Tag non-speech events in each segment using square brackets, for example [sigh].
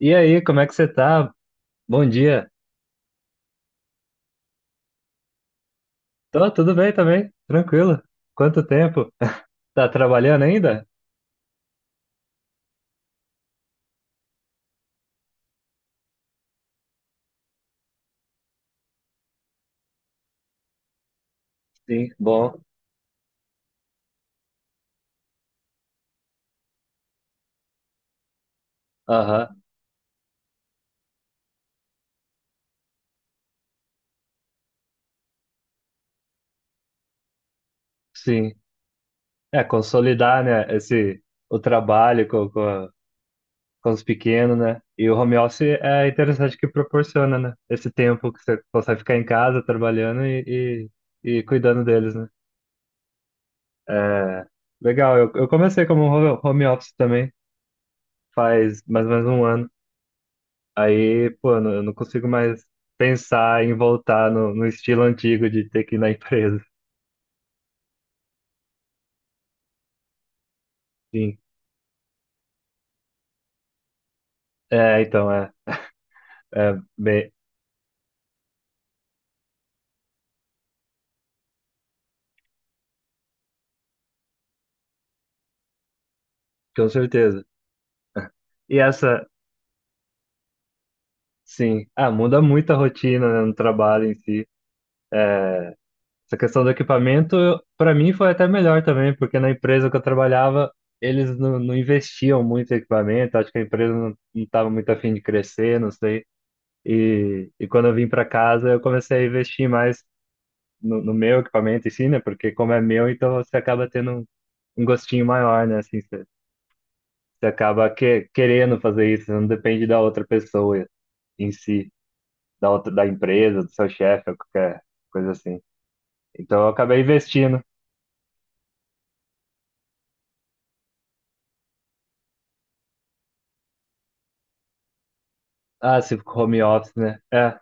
E aí, como é que você tá? Bom dia. Tô, tudo bem também, tranquilo. Quanto tempo? [laughs] Tá trabalhando ainda? Sim, bom. Aham, sim. É, consolidar, né, o trabalho com com os pequenos, né? E o home office é interessante que proporciona, né? Esse tempo que você consegue ficar em casa trabalhando e cuidando deles, né? É, legal, eu comecei como home office também, faz mais ou menos um ano. Aí, pô, eu não consigo mais pensar em voltar no estilo antigo de ter que ir na empresa. [laughs] Sim. É, então, é. É, bem, com certeza. E essa, sim. Ah, muda muito a rotina, né, no trabalho em si. É, essa questão do equipamento, para mim, foi até melhor também, porque na empresa que eu trabalhava, eles não investiam muito em equipamento. Acho que a empresa não estava muito afim de crescer, não sei. E quando eu vim para casa, eu comecei a investir mais no meu equipamento em si, né? Porque como é meu, então você acaba tendo um gostinho maior, né? Assim, você acaba que, querendo fazer isso, né? Não depende da outra pessoa em si, da outra, da empresa, do seu chefe, ou qualquer coisa assim. Então eu acabei investindo. Ah, se ficou home office, né? É,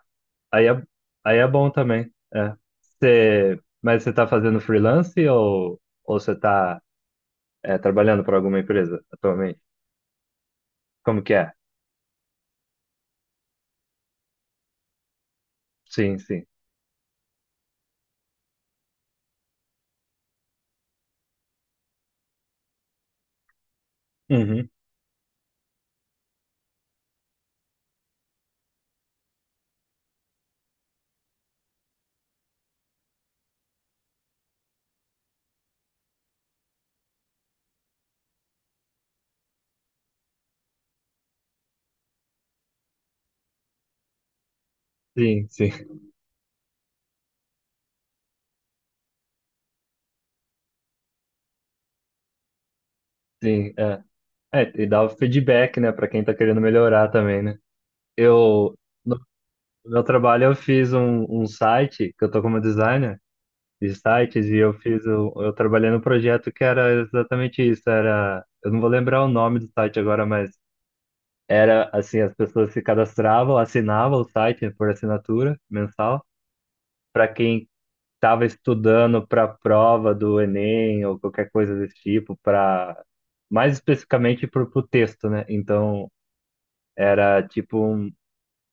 aí é, aí é bom também. É. Mas você tá fazendo freelance ou você tá é, trabalhando para alguma empresa atualmente? Como que é? Sim, sim. Uhum. Sim, sim. Sim, é. É, e dá o feedback, né, pra quem tá querendo melhorar também, né? Eu, no meu trabalho, eu fiz um site, que eu tô como designer de sites, e eu eu trabalhei num projeto que era exatamente isso, era, eu não vou lembrar o nome do site agora, mas era, assim, as pessoas se cadastravam, assinavam o site por assinatura mensal, para quem estava estudando para a prova do Enem ou qualquer coisa desse tipo, para mais especificamente para o texto, né? Então era tipo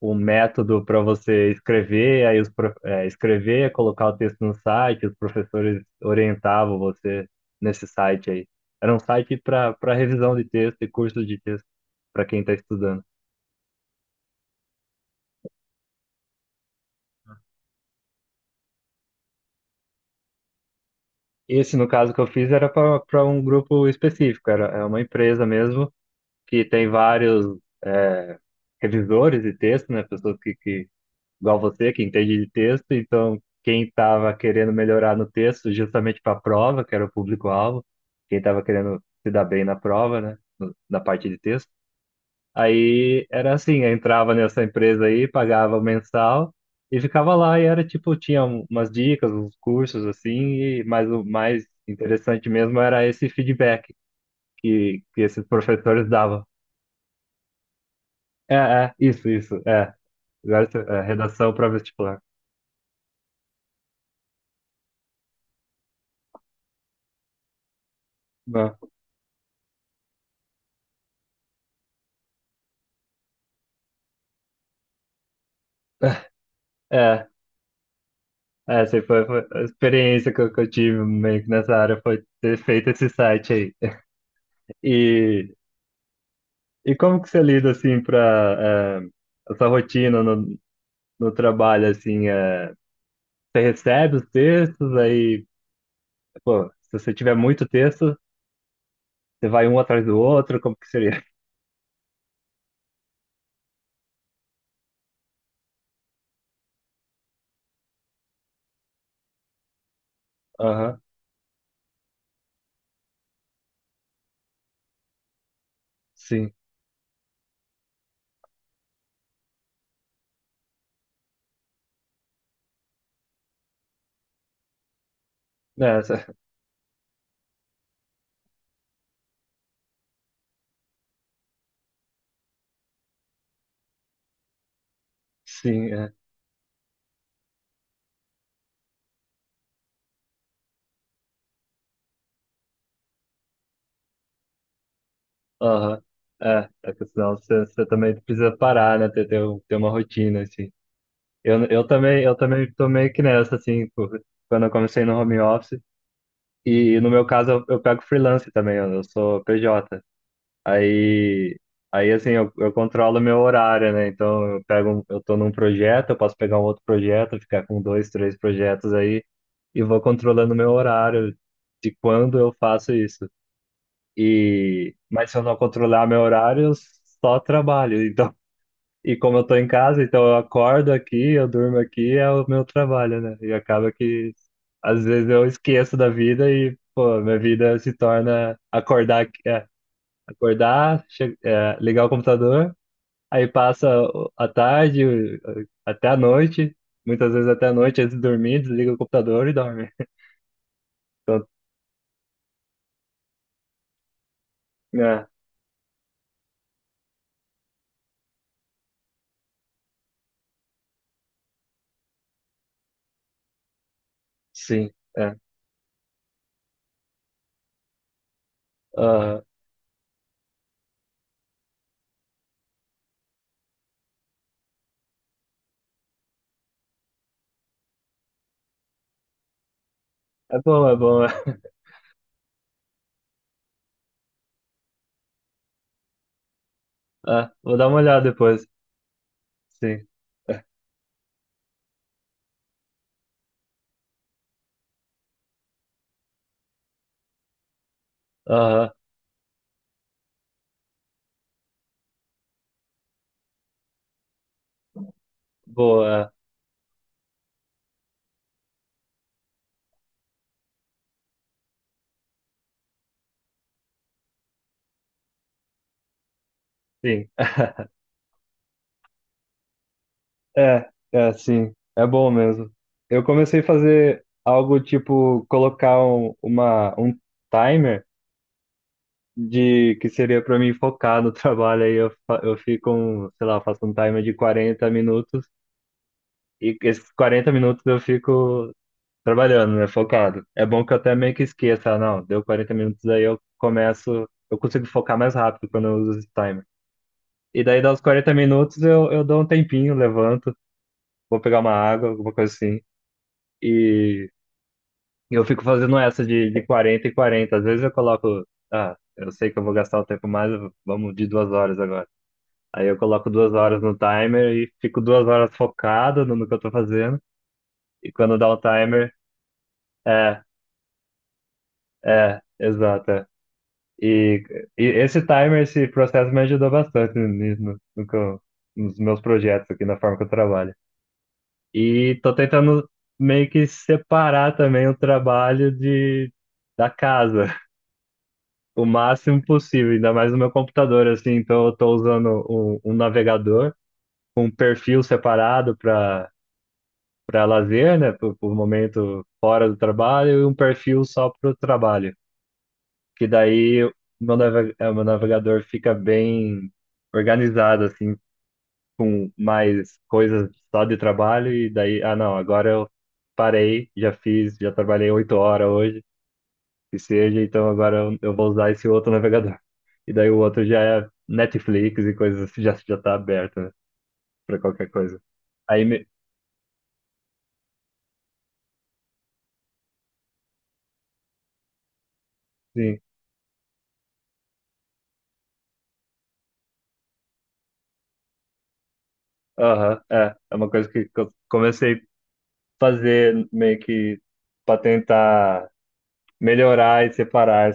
um método para você escrever, aí escrever, colocar o texto no site, os professores orientavam você nesse site aí. Era um site para revisão de texto e curso de texto para quem está estudando. Esse, no caso que eu fiz, era para um grupo específico, era é uma empresa mesmo que tem vários é, revisores de texto, né? Pessoas que, igual você, que entende de texto, então quem estava querendo melhorar no texto justamente para a prova, que era o público-alvo, quem estava querendo se dar bem na prova, né? Na parte de texto. Aí era assim, eu entrava nessa empresa aí, pagava o mensal e ficava lá e era tipo, tinha umas dicas, uns cursos assim, e, mas o mais interessante mesmo era esse feedback que esses professores davam. É, isso, é. Exato, é, redação para vestibular. Não. É, é, assim, foi a experiência que que eu tive meio que nessa área foi ter feito esse site aí. E, e como que você lida, assim, para essa rotina no trabalho, assim, é, você recebe os textos, aí, pô, se você tiver muito texto, você vai um atrás do outro, como que seria? Aham, sim. É, essa- sim, aham. É, é que senão você também precisa parar, né? Ter uma rotina, assim. Eu também tô meio que nessa, assim, quando eu comecei no home office. E no meu caso, eu pego freelance também, eu sou PJ. Aí, aí assim, eu controlo meu horário, né? Então, eu eu tô num projeto, eu posso pegar um outro projeto, ficar com dois, três projetos aí, e vou controlando meu horário de quando eu faço isso. E, mas se eu não controlar meu horário, eu só trabalho. [laughs] Então, e como eu tô em casa, então eu acordo aqui, eu durmo aqui, é o meu trabalho, né? E acaba que às vezes eu esqueço da vida e, pô, minha vida se torna acordar, ligar o computador, aí passa a tarde, até a noite, muitas vezes até a noite, antes de dormir, desliga o computador e dorme. [laughs] É, sim, é. Ah, é bom, é bom. [laughs] Ah, vou dar uma olhada depois. Sim. É. Aham, boa, é. Sim. [laughs] É, é, sim. É bom mesmo. Eu comecei a fazer algo tipo colocar um timer de que seria para mim focar no [laughs] trabalho. Aí eu, eu fico, um, sei lá, faço um timer de 40 minutos e esses 40 minutos eu fico trabalhando, né, focado. É bom que eu até meio que esqueça, ah, não, deu 40 minutos aí eu começo, eu consigo focar mais rápido quando eu uso esse timer. E daí, dá uns 40 minutos, eu dou um tempinho, levanto, vou pegar uma água, alguma coisa assim. E eu fico fazendo essa de 40 e quarenta. Às vezes eu coloco, ah, eu sei que eu vou gastar o tempo mais, vamos de duas horas agora. Aí eu coloco duas horas no timer e fico duas horas focado no que eu tô fazendo. E quando dá o timer, é, é, exato, é. E, e esse timer, esse processo me ajudou bastante nisso, no, no que eu- nos meus projetos aqui, na forma que eu trabalho. E tô tentando meio que separar também o trabalho de, da casa, [laughs] o máximo possível, ainda mais no meu computador, assim. Então eu tô usando um navegador com um perfil separado para lazer, né, por momento fora do trabalho, e um perfil só para o trabalho. Que daí o meu navegador fica bem organizado, assim, com mais coisas só de trabalho e daí, ah, não, agora eu parei, já fiz, já trabalhei oito horas hoje, que seja, então agora eu vou usar esse outro navegador. E daí o outro já é Netflix e coisas assim, [laughs] já tá aberto, né, pra qualquer coisa. Aí, me- sim, aham, é, é uma coisa que eu comecei a fazer meio que pra tentar melhorar e separar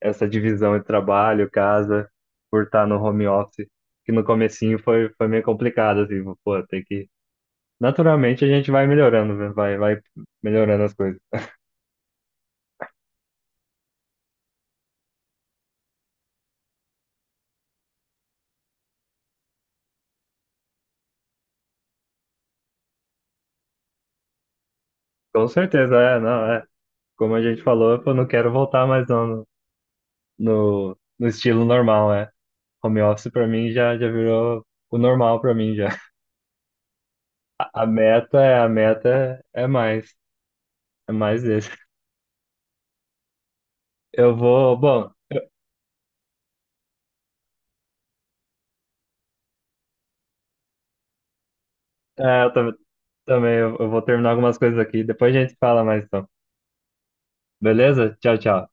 essa divisão entre trabalho, casa, por estar no home office, que no comecinho foi, foi meio complicado, assim, pô, tem que... Naturalmente a gente vai melhorando, né? Vai, vai melhorando as coisas. Com certeza, é, não, é. Como a gente falou, eu não quero voltar mais não no estilo normal, é. Home office pra mim já virou o normal pra mim já. A, meta é, a meta é mais esse. Eu vou, bom, é, eu tam- também eu vou terminar algumas coisas aqui, depois a gente fala mais então. Beleza? Tchau, tchau.